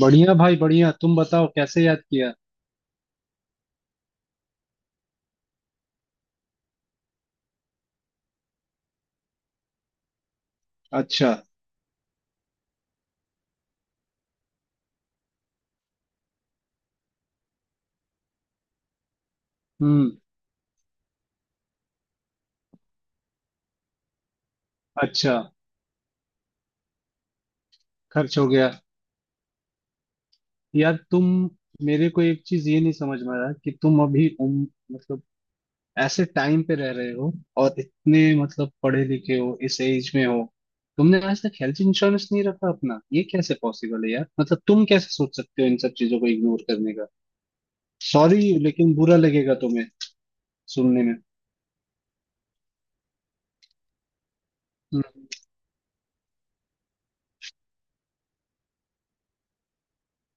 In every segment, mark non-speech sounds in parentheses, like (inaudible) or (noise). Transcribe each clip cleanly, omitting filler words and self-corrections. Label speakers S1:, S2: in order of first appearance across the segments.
S1: बढ़िया भाई बढ़िया। तुम बताओ कैसे याद किया? अच्छा। हम्म। अच्छा। खर्च हो गया? यार तुम, मेरे को एक चीज ये नहीं समझ में आ रहा कि तुम अभी मतलब ऐसे टाइम पे रह रहे हो, और इतने मतलब पढ़े लिखे हो, इस एज में हो, तुमने आज तक हेल्थ इंश्योरेंस नहीं रखा अपना। ये कैसे पॉसिबल है यार? मतलब तुम कैसे सोच सकते हो इन सब चीजों को इग्नोर करने का। सॉरी, लेकिन बुरा लगेगा तुम्हें सुनने में। हम्म,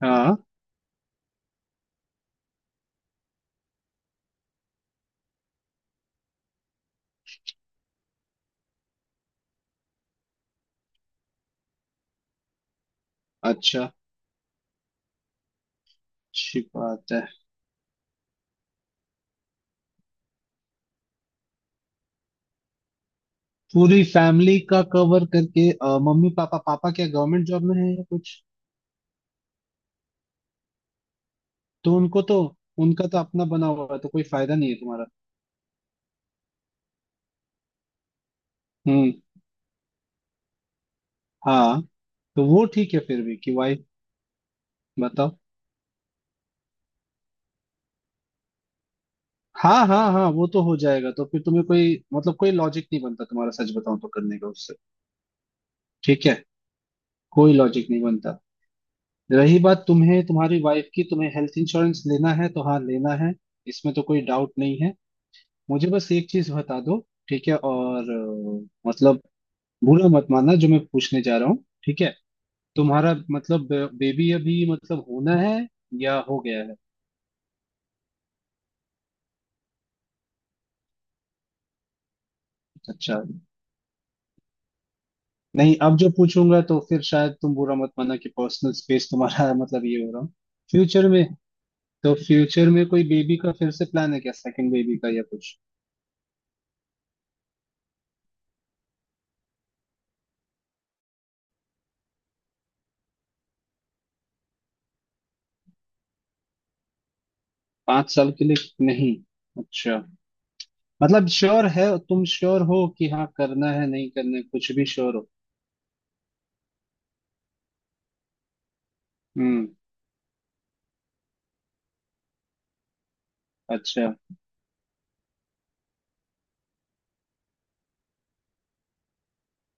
S1: हाँ। अच्छा, अच्छी बात है। पूरी फैमिली का कवर करके मम्मी पापा, पापा क्या गवर्नमेंट जॉब में है या कुछ? तो उनको तो, उनका तो अपना बना हुआ है तो कोई फायदा नहीं है तुम्हारा। हम्म। हाँ। तो वो ठीक है फिर भी कि वाइफ। बताओ। हाँ हाँ हाँ, वो तो हो जाएगा। तो फिर तुम्हें कोई मतलब कोई लॉजिक नहीं बनता तुम्हारा, सच बताऊं तो, करने का उससे। ठीक है। कोई लॉजिक नहीं बनता। रही बात तुम्हें तुम्हारी वाइफ की, तुम्हें हेल्थ इंश्योरेंस लेना है तो हाँ लेना है, इसमें तो कोई डाउट नहीं है। मुझे बस एक चीज बता दो, ठीक है। और मतलब बुरा मत मानना जो मैं पूछने जा रहा हूँ, ठीक है? तुम्हारा मतलब बेबी अभी मतलब होना है या हो गया है? अच्छा। नहीं, अब जो पूछूंगा तो फिर शायद तुम बुरा मत मानना कि पर्सनल स्पेस तुम्हारा (laughs) मतलब ये हो रहा हूँ। फ्यूचर में, तो फ्यूचर में कोई बेबी का फिर से प्लान है क्या, सेकंड बेबी का या कुछ? 5 साल के लिए नहीं? अच्छा। मतलब श्योर है, तुम श्योर हो कि हाँ करना है नहीं करना है कुछ भी श्योर हो? हम्म। अच्छा।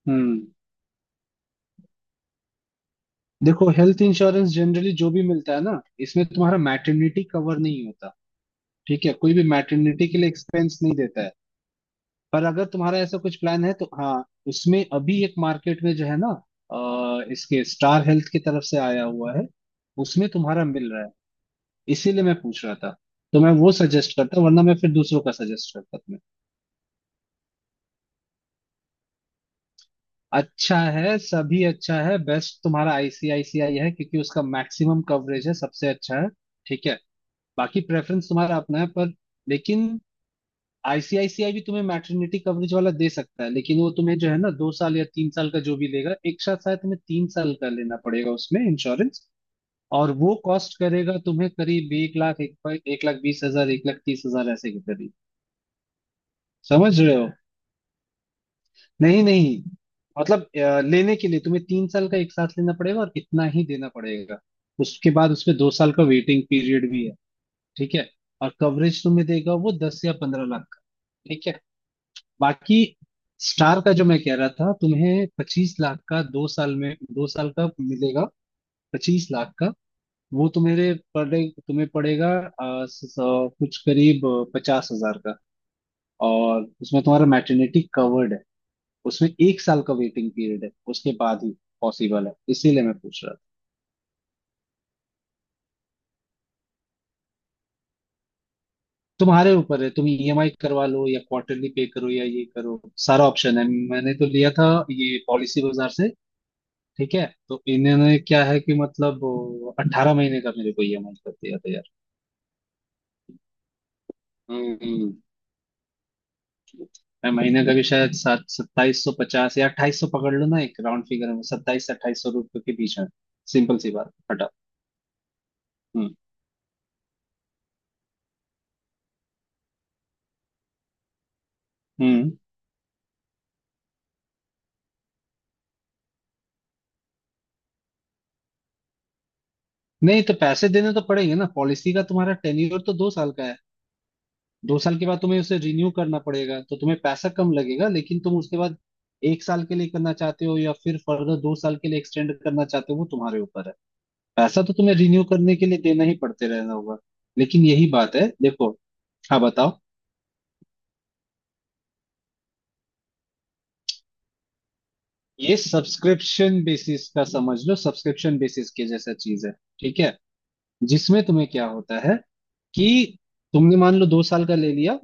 S1: हम्म। देखो हेल्थ इंश्योरेंस जनरली जो भी मिलता है ना, इसमें तुम्हारा मैटरनिटी कवर नहीं होता, ठीक है। कोई भी मैटरनिटी के लिए एक्सपेंस नहीं देता है। पर अगर तुम्हारा ऐसा कुछ प्लान है तो हाँ, उसमें अभी एक मार्केट में जो है ना, इसके स्टार हेल्थ की तरफ से आया हुआ है, उसमें तुम्हारा मिल रहा है, इसीलिए मैं पूछ रहा था। तो मैं वो सजेस्ट करता, वरना मैं फिर दूसरों का सजेस्ट करता तुम्हें। अच्छा है, सभी अच्छा है, बेस्ट तुम्हारा आईसीआईसीआई है क्योंकि उसका मैक्सिमम कवरेज है, सबसे अच्छा है, ठीक है। बाकी प्रेफरेंस तुम्हारा अपना है, पर, लेकिन आईसीआईसीआई भी तुम्हें मैटरनिटी कवरेज वाला दे सकता है, लेकिन वो तुम्हें जो है ना 2 साल या 3 साल का जो भी लेगा एक साथ, शायद तुम्हें 3 साल का लेना पड़ेगा उसमें इंश्योरेंस। और वो कॉस्ट करेगा तुम्हें करीब 1 लाख, 1 लाख 20 हजार, 1 लाख 30 हजार ऐसे के करीब। समझ रहे हो? नहीं नहीं, मतलब लेने के लिए तुम्हें तीन साल का एक साथ लेना पड़ेगा और इतना ही देना पड़ेगा। उसके बाद उसमें 2 साल का वेटिंग पीरियड भी है, ठीक है। और कवरेज तुम्हें देगा वो 10 या 15 लाख का, ठीक है। बाकी स्टार का जो मैं कह रहा था तुम्हें, 25 लाख का 2 साल में, 2 साल का मिलेगा 25 लाख का। वो तुम्हारे पड़े, तुम्हें पड़ेगा कुछ करीब 50,000 का, और उसमें तुम्हारा मैटरनिटी कवर्ड है। उसमें 1 साल का वेटिंग पीरियड है, उसके बाद ही पॉसिबल है, इसीलिए मैं पूछ रहा था। तुम्हारे ऊपर है, तुम ईएमआई करवा लो या क्वार्टरली पे करो या ये करो, सारा ऑप्शन है। मैंने तो लिया था ये पॉलिसी बाजार से, ठीक है। तो इन्होंने क्या है कि मतलब 18 महीने का मेरे को ईएमआई कर दिया था यार। हम्म। मैं महीने का भी शायद सात 2750 या 2800 पकड़ लो ना, एक राउंड फिगर में 2700 से 2800 रुपये के बीच में। सिंपल सी बात हटा। हम्म। हम्म। नहीं तो पैसे देने तो पड़ेंगे ना, पॉलिसी का तुम्हारा टेन्योर तो 2 साल का है। 2 साल के बाद तुम्हें उसे रिन्यू करना पड़ेगा, तो तुम्हें पैसा कम लगेगा, लेकिन तुम उसके बाद 1 साल के लिए करना चाहते हो या फिर फर्दर 2 साल के लिए एक्सटेंड करना चाहते हो, वो तुम्हारे ऊपर है। पैसा तो तुम्हें रिन्यू करने के लिए देना ही पड़ते रहना होगा। लेकिन यही बात है देखो। हाँ बताओ। ये सब्सक्रिप्शन बेसिस का समझ लो, सब्सक्रिप्शन बेसिस के जैसा चीज है, ठीक है, जिसमें तुम्हें क्या होता है कि तुमने मान लो 2 साल का ले लिया,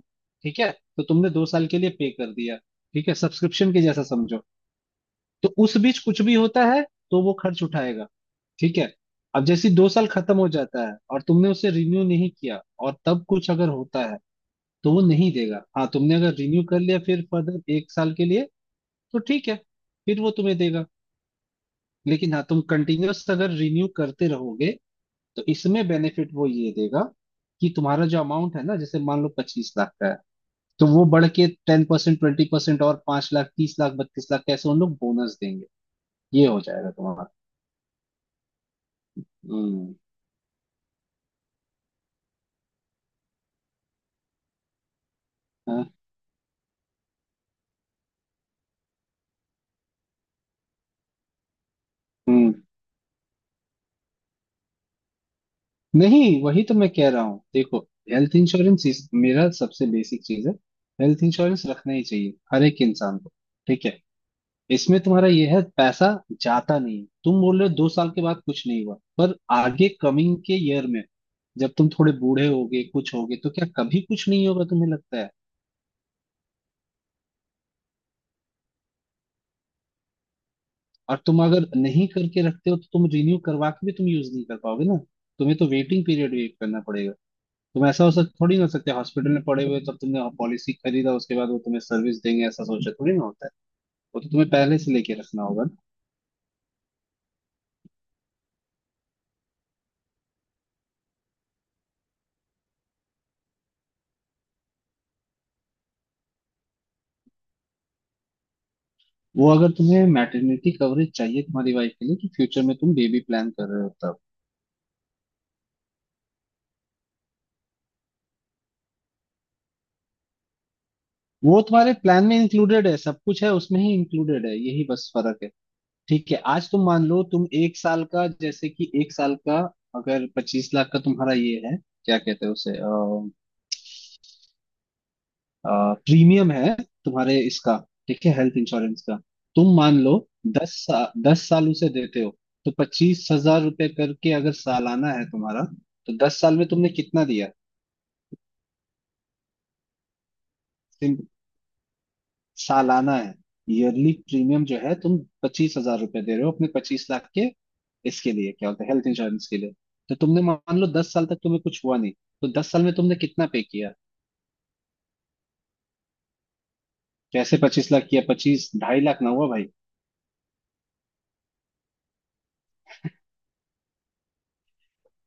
S1: ठीक है, तो तुमने 2 साल के लिए पे कर दिया, ठीक है, सब्सक्रिप्शन के जैसा समझो। तो उस बीच कुछ भी होता है तो वो खर्च उठाएगा, ठीक है। अब जैसे ही 2 साल खत्म हो जाता है और तुमने उसे रिन्यू नहीं किया, और तब कुछ अगर होता है तो वो नहीं देगा। हाँ, तुमने अगर रिन्यू कर लिया फिर फर्दर 1 साल के लिए तो ठीक है, फिर वो तुम्हें देगा। लेकिन हाँ तुम कंटिन्यूअस अगर रिन्यू करते रहोगे तो इसमें बेनिफिट वो ये देगा कि तुम्हारा जो अमाउंट है ना, जैसे मान लो 25 लाख का है, तो वो बढ़ के 10% 20% और 5 लाख 30 लाख 32 लाख कैसे उन लोग बोनस देंगे। ये हो जाएगा तुम्हारा। हम्म। हाँ, हम्म। नहीं वही तो मैं कह रहा हूँ देखो, हेल्थ इंश्योरेंस मेरा सबसे बेसिक चीज है। हेल्थ इंश्योरेंस रखना ही चाहिए हर एक इंसान को, ठीक है। इसमें तुम्हारा यह है, पैसा जाता नहीं है। तुम बोल रहे हो 2 साल के बाद कुछ नहीं हुआ, पर आगे कमिंग के ईयर में जब तुम थोड़े बूढ़े होगे कुछ होगे तो क्या कभी कुछ नहीं होगा तुम्हें लगता है? और तुम अगर नहीं करके रखते हो तो तुम रिन्यू करवा के भी तुम यूज नहीं कर पाओगे ना, तुम्हें तो वेटिंग पीरियड वेट करना पड़ेगा। तुम ऐसा हो सक थोड़ी ना हो सकते हॉस्पिटल में पड़े हुए, तब तुमने पॉलिसी खरीदा उसके बाद वो तुम्हें सर्विस देंगे, ऐसा सोचा थोड़ी ना होता है। वो तो तुम्हें पहले से लेके रखना होगा ना। वो अगर तुम्हें मैटरनिटी कवरेज चाहिए तुम्हारी वाइफ के लिए कि फ्यूचर में तुम बेबी प्लान कर रहे हो, तब वो तुम्हारे प्लान में इंक्लूडेड है, सब कुछ है उसमें ही इंक्लूडेड है, यही बस फर्क है। ठीक है, आज तुम मान लो तुम 1 साल का, जैसे कि 1 साल का अगर 25 लाख का तुम्हारा ये है, क्या कहते हैं उसे, प्रीमियम है तुम्हारे इसका, ठीक है, हेल्थ इंश्योरेंस का। तुम मान लो दस साल उसे देते हो, तो 25,000 रुपये करके अगर सालाना है तुम्हारा, तो 10 साल में तुमने कितना दिया? सिम- सालाना है, ईयरली प्रीमियम जो है तुम 25,000 रुपये दे रहे हो अपने 25 लाख के इसके लिए, क्या होता है हेल्थ इंश्योरेंस के लिए। तो तुमने मान लो 10 साल तक तुम्हें कुछ हुआ नहीं, तो दस साल में तुमने कितना पे किया? कैसे 25 लाख किया, पच्चीस, 2.5 लाख ना हुआ भाई?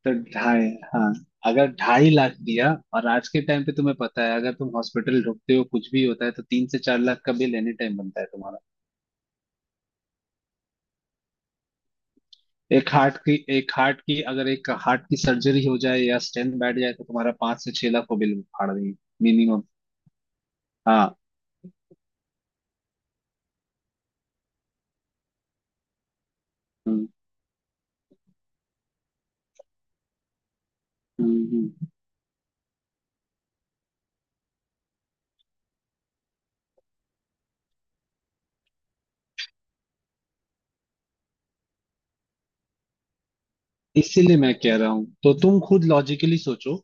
S1: तो ढाई, हाँ, अगर 2.5 लाख दिया, और आज के टाइम पे तुम्हें पता है अगर तुम हॉस्पिटल ढुकते हो कुछ भी होता है तो 3 से 4 लाख का बिल एनी टाइम बनता है तुम्हारा। एक हार्ट की अगर एक हार्ट की सर्जरी हो जाए या स्टेंट बैठ जाए तो तुम्हारा 5 से 6 लाख को बिल फाड़ देंगे, मिनिमम। हाँ। हम्म। हम्म। हम्म। इसीलिए मैं कह रहा हूं, तो तुम खुद लॉजिकली सोचो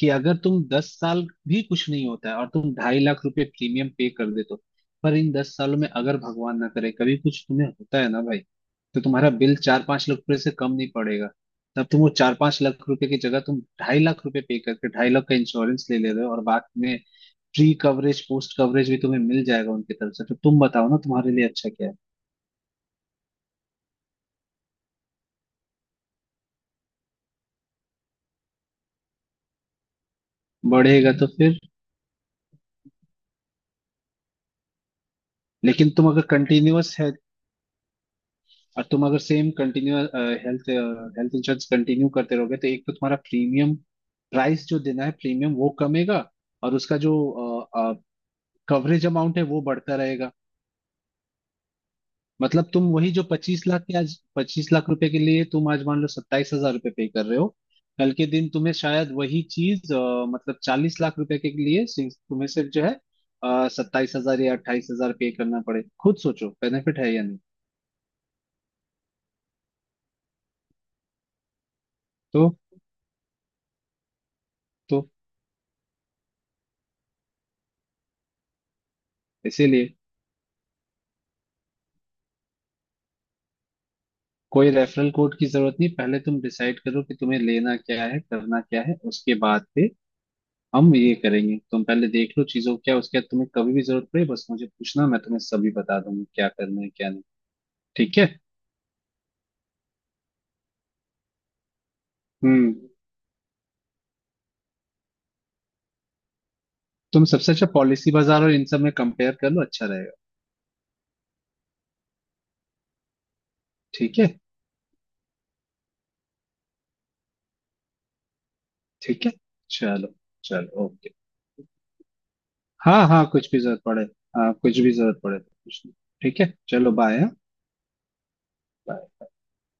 S1: कि अगर तुम 10 साल भी कुछ नहीं होता है और तुम 2.5 लाख रुपए प्रीमियम पे कर देते हो, पर इन 10 सालों में अगर भगवान ना करे कभी कुछ तुम्हें होता है ना भाई, तो तुम्हारा बिल 4-5 लाख रुपए से कम नहीं पड़ेगा। तब तुम वो 4-5 लाख रुपए की जगह तुम 2.5 लाख रुपए पे करके 2.5 लाख का इंश्योरेंस ले ले रहे हो, और बाद में प्री कवरेज पोस्ट कवरेज भी तुम्हें मिल जाएगा उनकी तरफ से, तो तुम बताओ ना तुम्हारे लिए अच्छा क्या है। बढ़ेगा तो फिर, लेकिन तुम अगर कंटिन्यूअस है और तुम अगर same continue health health insurance continue करते रहोगे तो एक तो तुम्हारा प्रीमियम प्राइस जो देना है, प्रीमियम वो कमेगा, और उसका जो कवरेज अमाउंट है वो बढ़ता रहेगा। मतलब तुम वही जो 25 लाख के, आज 25 लाख रुपए के लिए तुम आज मान लो 27,000 रुपये पे कर रहे हो, कल के दिन तुम्हें शायद वही चीज मतलब 40 लाख रुपए के लिए तुम्हें सिर्फ जो है 27,000 या 28,000 पे करना पड़े। खुद सोचो बेनिफिट है या नहीं। तो तो इसीलिए कोई रेफरल कोड की जरूरत नहीं। पहले तुम डिसाइड करो कि तुम्हें लेना क्या है करना क्या है, उसके बाद पे हम ये करेंगे। तुम पहले देख लो चीजों को क्या, उसके बाद तुम्हें कभी भी जरूरत पड़े बस मुझे पूछना, मैं तुम्हें सभी बता दूंगा क्या करना है क्या नहीं। ठीक है। हम्म। तुम सबसे अच्छा पॉलिसी बाजार और इन सब में कंपेयर कर लो, अच्छा रहेगा। ठीक है। ठीक है। चलो, चलो ओके। हाँ हाँ कुछ भी जरूरत पड़े। हाँ कुछ भी जरूरत पड़े तो पूछना। ठीक है, चलो बाय।